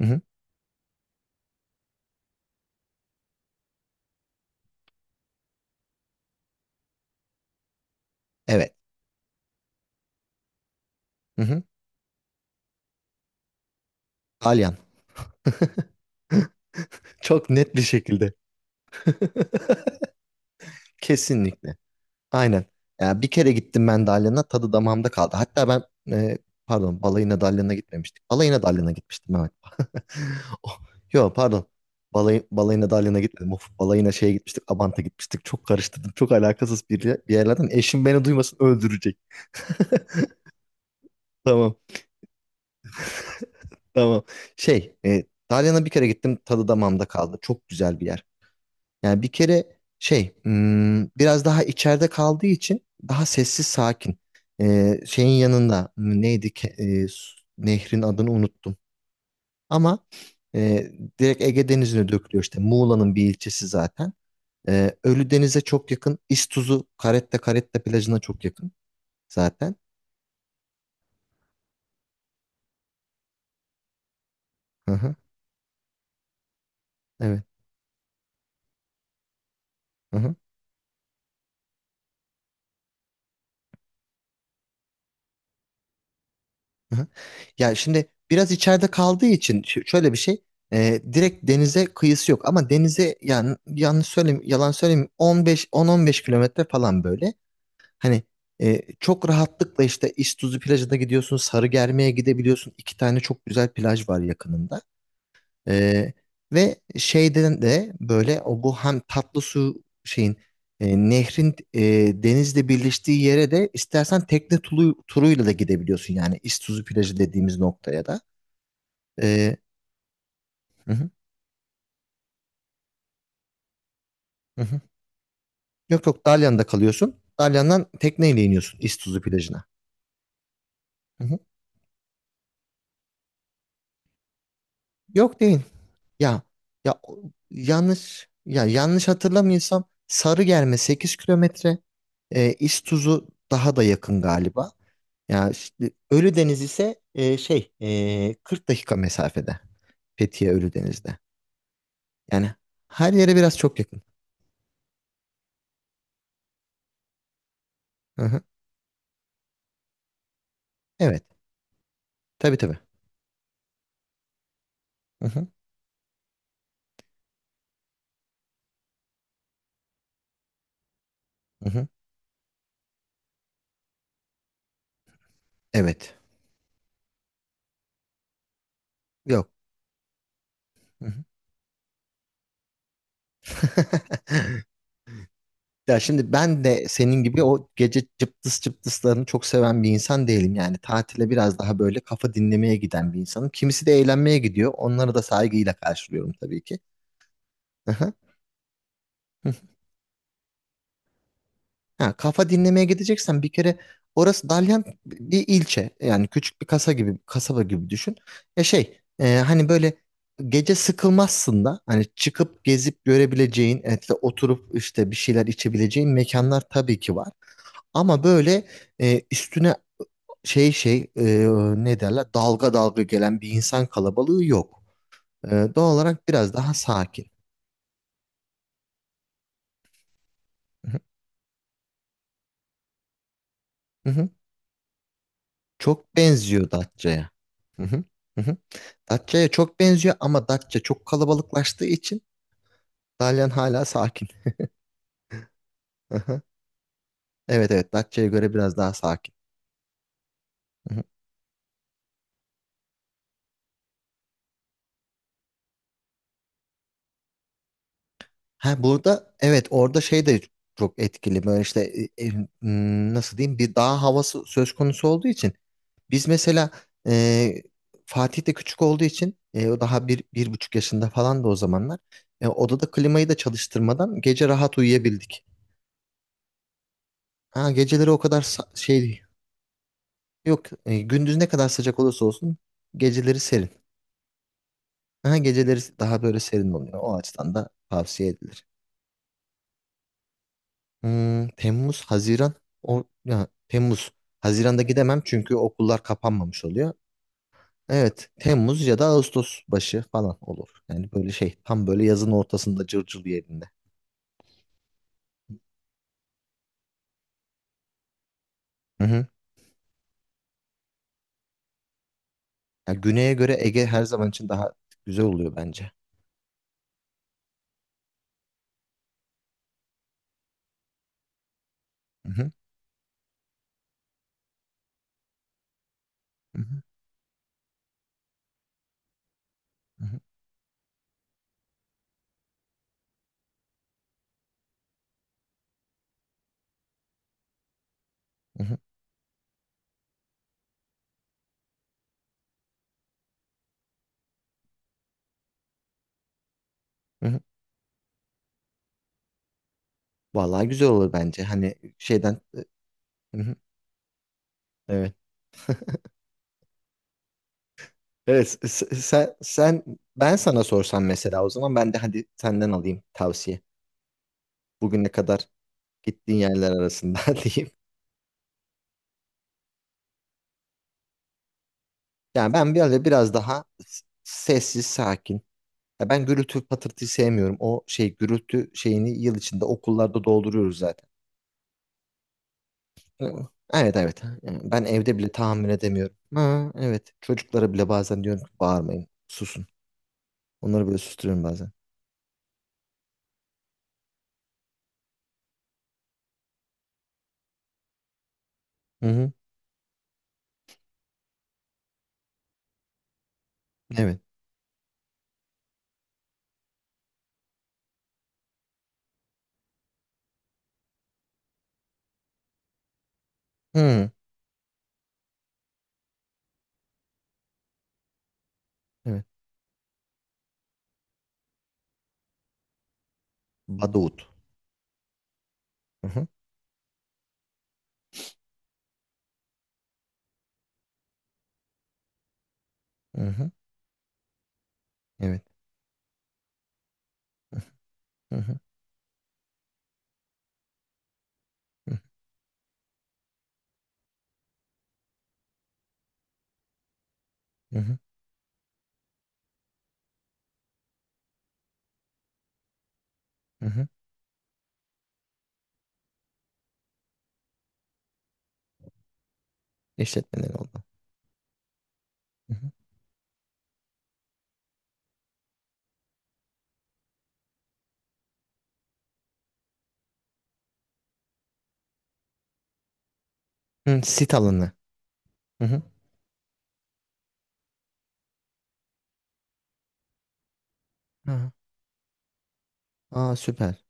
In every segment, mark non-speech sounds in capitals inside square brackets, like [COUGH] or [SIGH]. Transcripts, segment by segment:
Hı hı. Evet. Hı hı. Dalyan. [LAUGHS] Çok net bir şekilde. [LAUGHS] Kesinlikle. Aynen. Ya bir kere gittim ben Dalyan'a, tadı damağımda kaldı. Hatta ben e, pardon, balayına Dalyan'a gitmemiştik. Balayına Dalyan'a gitmiştim, evet. [LAUGHS] Oh, yo pardon. Balayına Dalyan'a gitmedim. Of, balayına şeye gitmiştik. Abant'a gitmiştik. Çok karıştırdım. Çok alakasız bir yerlerden. Eşim beni duymasın, öldürecek. Tamam, tamam. Şey, Dalyan'a bir kere gittim. Tadı damağımda kaldı. Çok güzel bir yer. Yani bir kere şey, biraz daha içeride kaldığı için daha sessiz sakin. Şeyin yanında, neydi ki, nehrin adını unuttum. Ama e, direkt Ege Denizi'ne dökülüyor, işte Muğla'nın bir ilçesi zaten. Ölüdeniz'e çok yakın. İztuzu Caretta Caretta plajına çok yakın zaten. Hı hı, evet. Hı hı. Hı hı. Ya şimdi biraz içeride kaldığı için şöyle bir şey, direkt denize kıyısı yok ama denize, yani yanlış söyleyeyim, yalan söyleyeyim, 15 10-15 kilometre falan böyle. Hani, çok rahatlıkla işte İztuzu plajına gidiyorsun, Sarıgerme'ye gidebiliyorsun. İki tane çok güzel plaj var yakınında. ee, Ve şeyden de, böyle o bu, hem tatlı su şeyin, nehrin, denizle birleştiği yere de istersen tekne turuyla da gidebiliyorsun, yani İztuzu plajı dediğimiz noktaya da. Ee, hı hı, hı hı. Yok yok, Dalyan'da kalıyorsun. Dalyan'dan tekneyle iniyorsun İztuzu plajına. Hı hı. Yok değil. Ya yanlış ya yanlış hatırlamıyorsam, Sarıgerme 8 kilometre. İztuzu daha da yakın galiba. Ya işte Ölüdeniz ise şey, 40 dakika mesafede. Fethiye Ölüdeniz'de. Yani her yere biraz çok yakın. Hı hı. Evet. Tabii tabii. Hı hı. Hı hı. Evet. Yok. Hı hı. [LAUGHS] Ya şimdi ben de senin gibi o gece cıptıs cıptıslarını çok seven bir insan değilim. Yani tatile biraz daha böyle kafa dinlemeye giden bir insanım. Kimisi de eğlenmeye gidiyor. Onları da saygıyla karşılıyorum tabii ki. Hı hı. Ha, kafa dinlemeye gideceksen bir kere orası Dalyan bir ilçe. Yani küçük bir kasaba gibi düşün. Ya şey, hani böyle gece sıkılmazsın da hani çıkıp gezip görebileceğin, etle oturup işte bir şeyler içebileceğin mekanlar tabii ki var. Ama böyle, üstüne şey , ne derler, dalga dalga gelen bir insan kalabalığı yok. E, Doğal olarak biraz daha sakin. [LAUGHS] Çok benziyor Datça'ya. Hı hı, hı hı. Datça'ya çok benziyor ama Datça çok kalabalıklaştığı için Dalyan hala sakin. Hı hı. Evet evet, Datça'ya göre biraz daha sakin. Hı hı. Ha burada evet, orada şey de çok etkili, böyle işte e, e, nasıl diyeyim, bir dağ havası söz konusu olduğu için biz mesela, e, Fatih de küçük olduğu için, o daha 1,5 yaşında falan da o zamanlar, odada klimayı da çalıştırmadan gece rahat uyuyabildik. Ha geceleri o kadar Yok, gündüz ne kadar sıcak olursa olsun geceleri serin. Aha, geceleri daha böyle serin oluyor. O açıdan da tavsiye edilir. Temmuz, Haziran. O, ya, Temmuz. Haziran'da gidemem çünkü okullar kapanmamış oluyor. Evet, Temmuz ya da Ağustos başı falan olur. Yani böyle şey, tam böyle yazın ortasında, cırcır yerinde. Hı hı. Ya, güneye göre Ege her zaman için daha güzel oluyor bence. Hı hı. Hı hı. Hı hı. Hı hı. Vallahi güzel olur bence. Hani şeyden. Hı hı. Evet. Evet, sen ben sana sorsam mesela o zaman ben de hadi senden alayım tavsiye. Bugüne kadar gittiğin yerler arasında [LAUGHS] diyeyim. Yani ben böyle biraz daha sessiz, sakin. Ya ben gürültü patırtıyı sevmiyorum. O şey gürültü şeyini yıl içinde okullarda dolduruyoruz zaten. Hı, evet evet. Yani ben evde bile tahammül edemiyorum. Ha, evet. Çocuklara bile bazen diyorum ki bağırmayın, susun. Onları böyle susturuyorum bazen. Hı hı. Evet. Hı, evet. Badavut. Hı hı. Hı hı. Evet. Hı hı. Hı hı. Hı hı. Hı hı. İşletmeleri oldu. Hı hı. Hı, sit alanı. Hı hı. Aha. Aa, süper.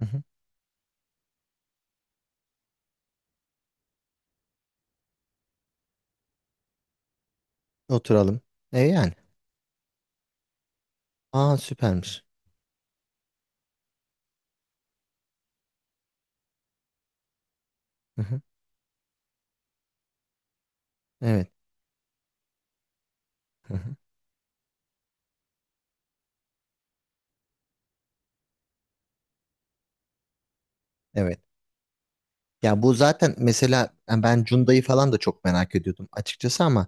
Hı hı. Oturalım. E yani. Aa, süpermiş. Hı hı. Evet. Hı hı. Evet. Ya bu zaten mesela, yani ben Cunda'yı falan da çok merak ediyordum açıkçası, ama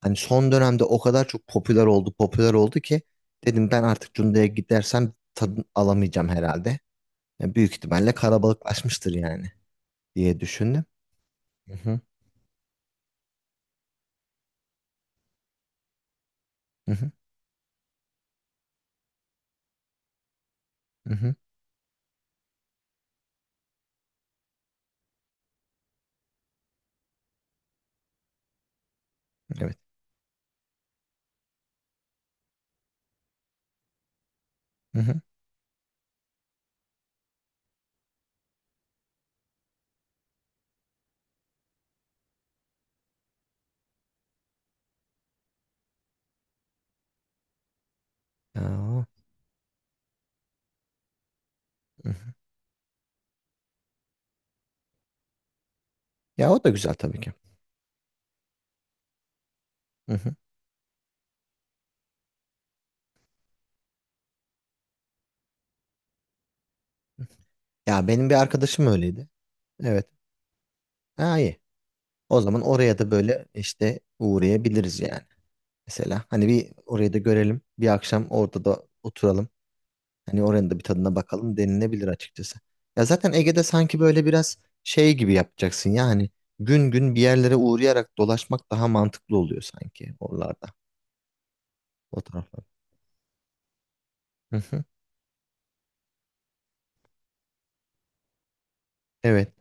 hani son dönemde o kadar çok popüler oldu, popüler oldu ki dedim ben artık Cunda'ya gidersem tadını alamayacağım herhalde. Yani büyük ihtimalle kalabalıklaşmıştır yani, diye düşündüm. Hı hı. Hı hı. Hı hı. Evet. Hı hı. Aa. Hı hı. Ya o da güzel tabii ki. Hı hı. Ya benim bir arkadaşım öyleydi. Evet. Ha iyi. O zaman oraya da böyle işte uğrayabiliriz yani. Mesela hani bir orayı da görelim. Bir akşam orada da oturalım. Hani oranın da bir tadına bakalım denilebilir açıkçası. Ya zaten Ege'de sanki böyle biraz şey gibi yapacaksın yani. Gün gün bir yerlere uğrayarak dolaşmak daha mantıklı oluyor sanki oralarda. O taraflarda. Hı hı. Evet.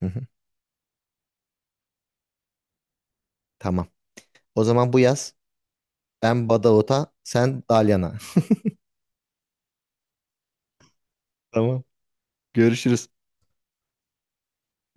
Hı hı. Tamam. O zaman bu yaz ben Badavut'a, sen Dalyan'a. [LAUGHS] Tamam. Görüşürüz.